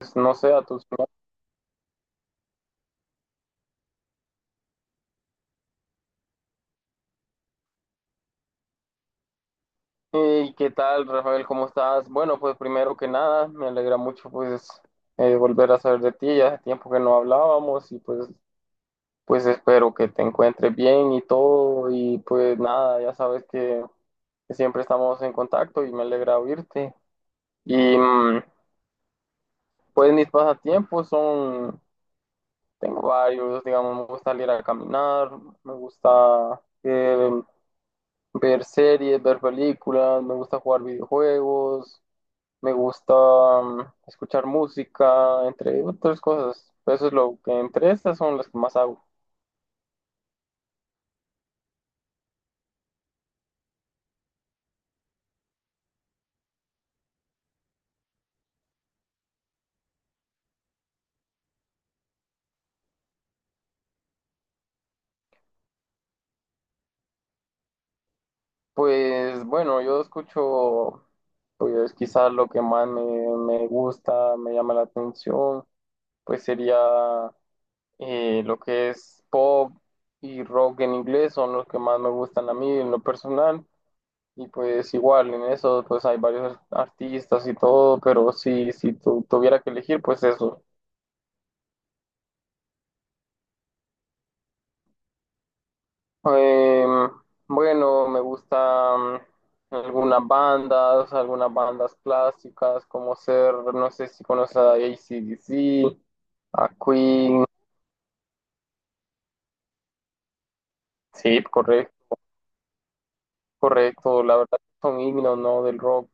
Pues, no sé, a tus... ¿Y qué tal, Rafael? ¿Cómo estás? Bueno, pues primero que nada, me alegra mucho pues volver a saber de ti. Ya hace tiempo que no hablábamos y pues, pues espero que te encuentres bien y todo. Y pues nada, ya sabes que siempre estamos en contacto y me alegra oírte. Y pues mis pasatiempos son, tengo varios, digamos, me gusta salir a caminar, me gusta ver series, ver películas, me gusta jugar videojuegos. Me gusta escuchar música, entre otras cosas. Eso es lo que entre estas son las que más hago. Pues bueno, yo escucho, pues quizás lo que más me gusta, me llama la atención, pues sería lo que es pop y rock en inglés, son los que más me gustan a mí en lo personal. Y pues igual en eso, pues hay varios artistas y todo, pero si tuviera que elegir, pues eso. Em, bueno, me gustan algunas bandas clásicas, como ser, no sé si conoces a AC/DC, a Queen. Sí, correcto, correcto. La verdad son himnos, ¿no? Del rock.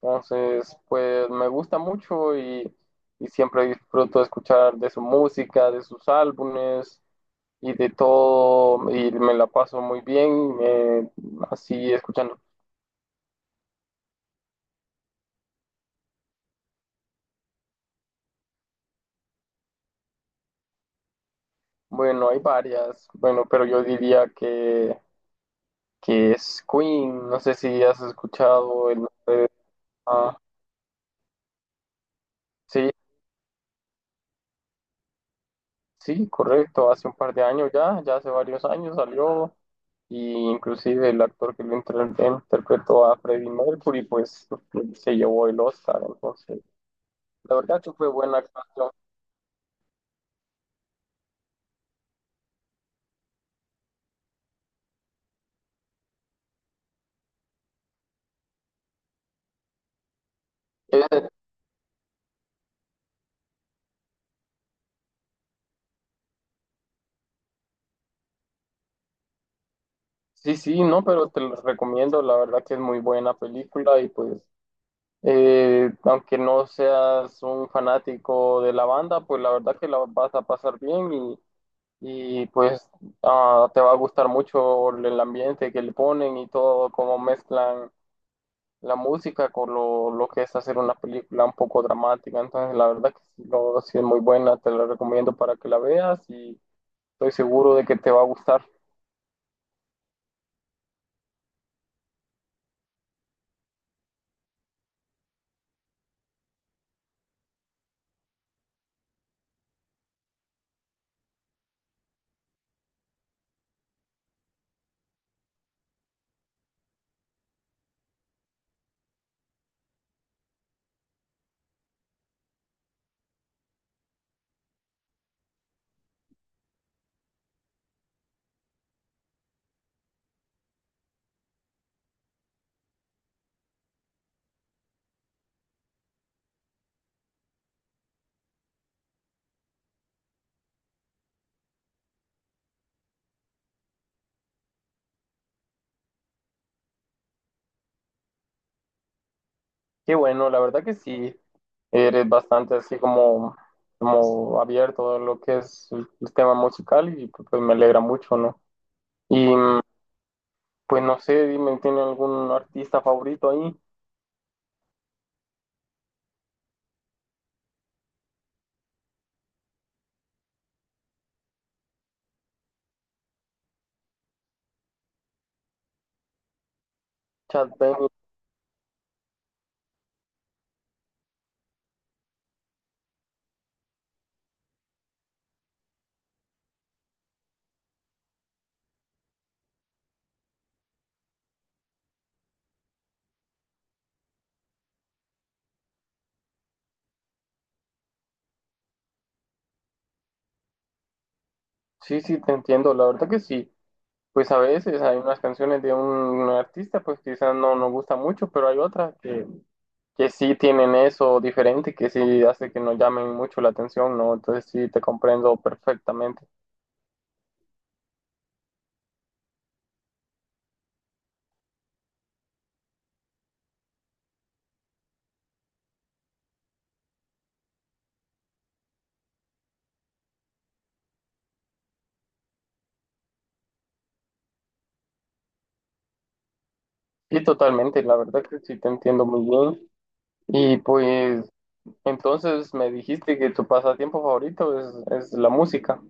Entonces, pues me gusta mucho y siempre disfruto de escuchar de su música, de sus álbumes y de todo. Y me la paso muy bien, así escuchando. Bueno, hay varias. Bueno, pero yo diría que es Queen. No sé si has escuchado el nombre de esa- Sí, sí, correcto. Hace un par de años ya, ya hace varios años salió. Y inclusive el actor que lo interpretó a Freddie Mercury, pues se llevó el Oscar. Entonces, la verdad que fue buena actuación. Eh, sí, sí, no, pero te lo recomiendo. La verdad que es muy buena película y pues aunque no seas un fanático de la banda, pues la verdad que la vas a pasar bien y, pues te va a gustar mucho el ambiente que le ponen y todo, cómo mezclan la música con lo que es hacer una película un poco dramática. Entonces, la verdad que sí, sí es muy buena, te la recomiendo para que la veas y estoy seguro de que te va a gustar. Qué bueno, la verdad que sí. Eres bastante así como, como abierto a lo que es el tema musical y pues me alegra mucho, ¿no? Y pues no sé, dime, ¿tiene algún artista favorito ahí? Chad Bennett. Sí, sí, te entiendo, la verdad que sí. Pues a veces hay unas canciones de un artista, pues quizás no nos gusta mucho, pero hay otras que sí tienen eso diferente, que sí hace que nos llamen mucho la atención, ¿no? Entonces sí, te comprendo perfectamente. Y totalmente, la verdad que sí te entiendo muy bien. Y pues entonces me dijiste que tu pasatiempo favorito es la música.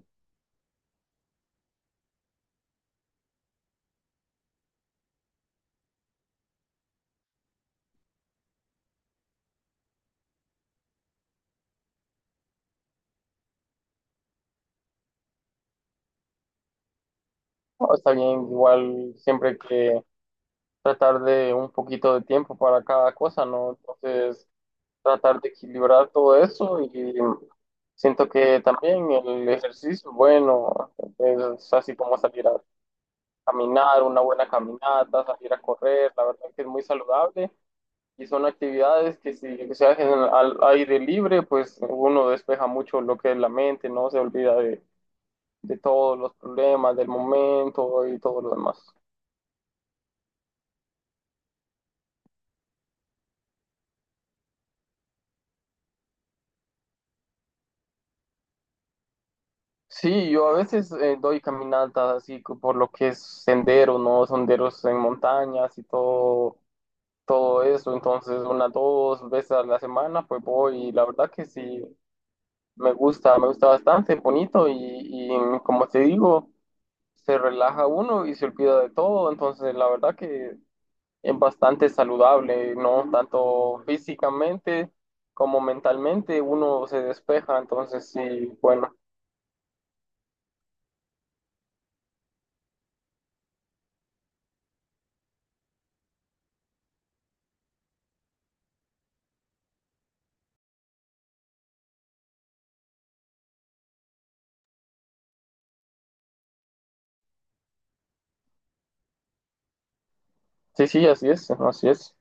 Oh, está bien, igual siempre que tratar de un poquito de tiempo para cada cosa, ¿no? Entonces tratar de equilibrar todo eso y siento que también el ejercicio, bueno, es así como salir a caminar, una buena caminata, salir a correr, la verdad que es muy saludable y son actividades que si se hacen al aire libre, pues uno despeja mucho lo que es la mente, no se olvida de todos los problemas del momento y todo lo demás. Sí, yo a veces doy caminatas así por lo que es sendero, ¿no? Senderos en montañas y todo, todo eso. Entonces, una, dos veces a la semana, pues voy y la verdad que sí, me gusta bastante, bonito y como te digo, se relaja uno y se olvida de todo. Entonces, la verdad que es bastante saludable, ¿no? Tanto físicamente como mentalmente uno se despeja, entonces sí, bueno, sí, sí, así es, así es.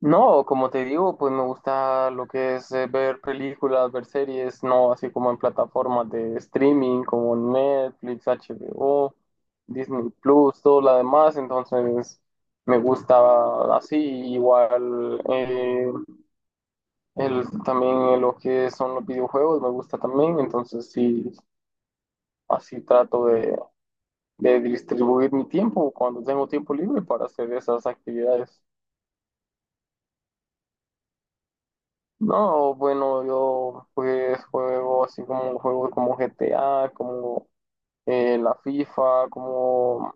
No, como te digo, pues me gusta lo que es ver películas, ver series, no así como en plataformas de streaming como Netflix, HBO, Disney Plus, todo lo demás, entonces me gusta así, igual. También lo que son los videojuegos me gusta también, entonces sí, así trato de distribuir mi tiempo cuando tengo tiempo libre para hacer esas actividades. No, bueno, yo pues juego así como juegos como GTA como la FIFA, como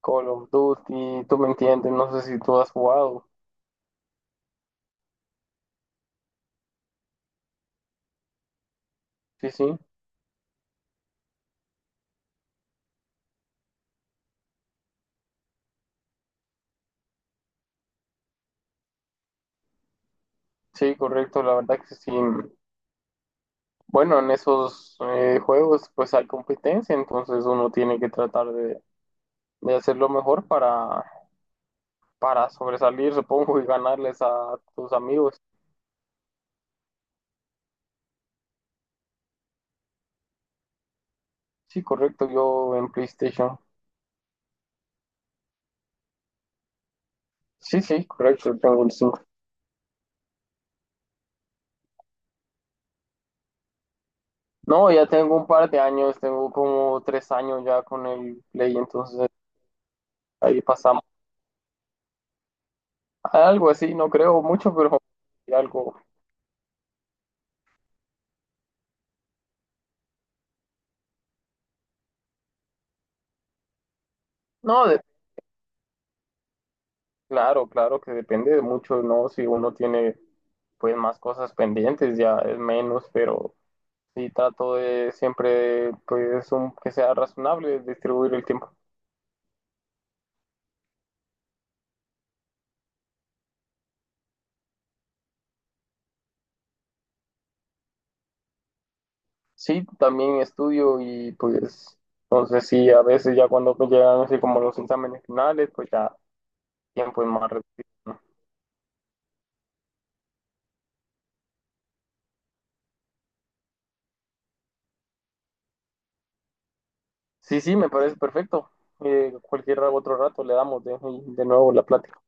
Call of Duty, tú me entiendes, no sé si tú has jugado. Sí, sí, sí, correcto, la verdad que sí. Bueno, en esos juegos pues hay competencia, entonces uno tiene que tratar de hacer lo mejor para sobresalir, supongo, y ganarles a tus amigos. Sí, correcto, yo en PlayStation. Sí, sí, correcto, tengo el 5. No, ya tengo un par de años, tengo como tres años ya con el Play, entonces ahí pasamos. Algo así, no creo mucho, pero algo. No, de- claro, claro que depende de mucho, ¿no? Si uno tiene pues más cosas pendientes, ya es menos, pero sí trato de siempre pues que sea razonable distribuir el tiempo. Sí, también estudio y pues entonces sí, a veces ya cuando pues, llegan así como los exámenes finales, pues ya tiempo es más reducido, ¿no? Sí, sí, me parece perfecto. Cualquier otro rato le damos de nuevo la plática.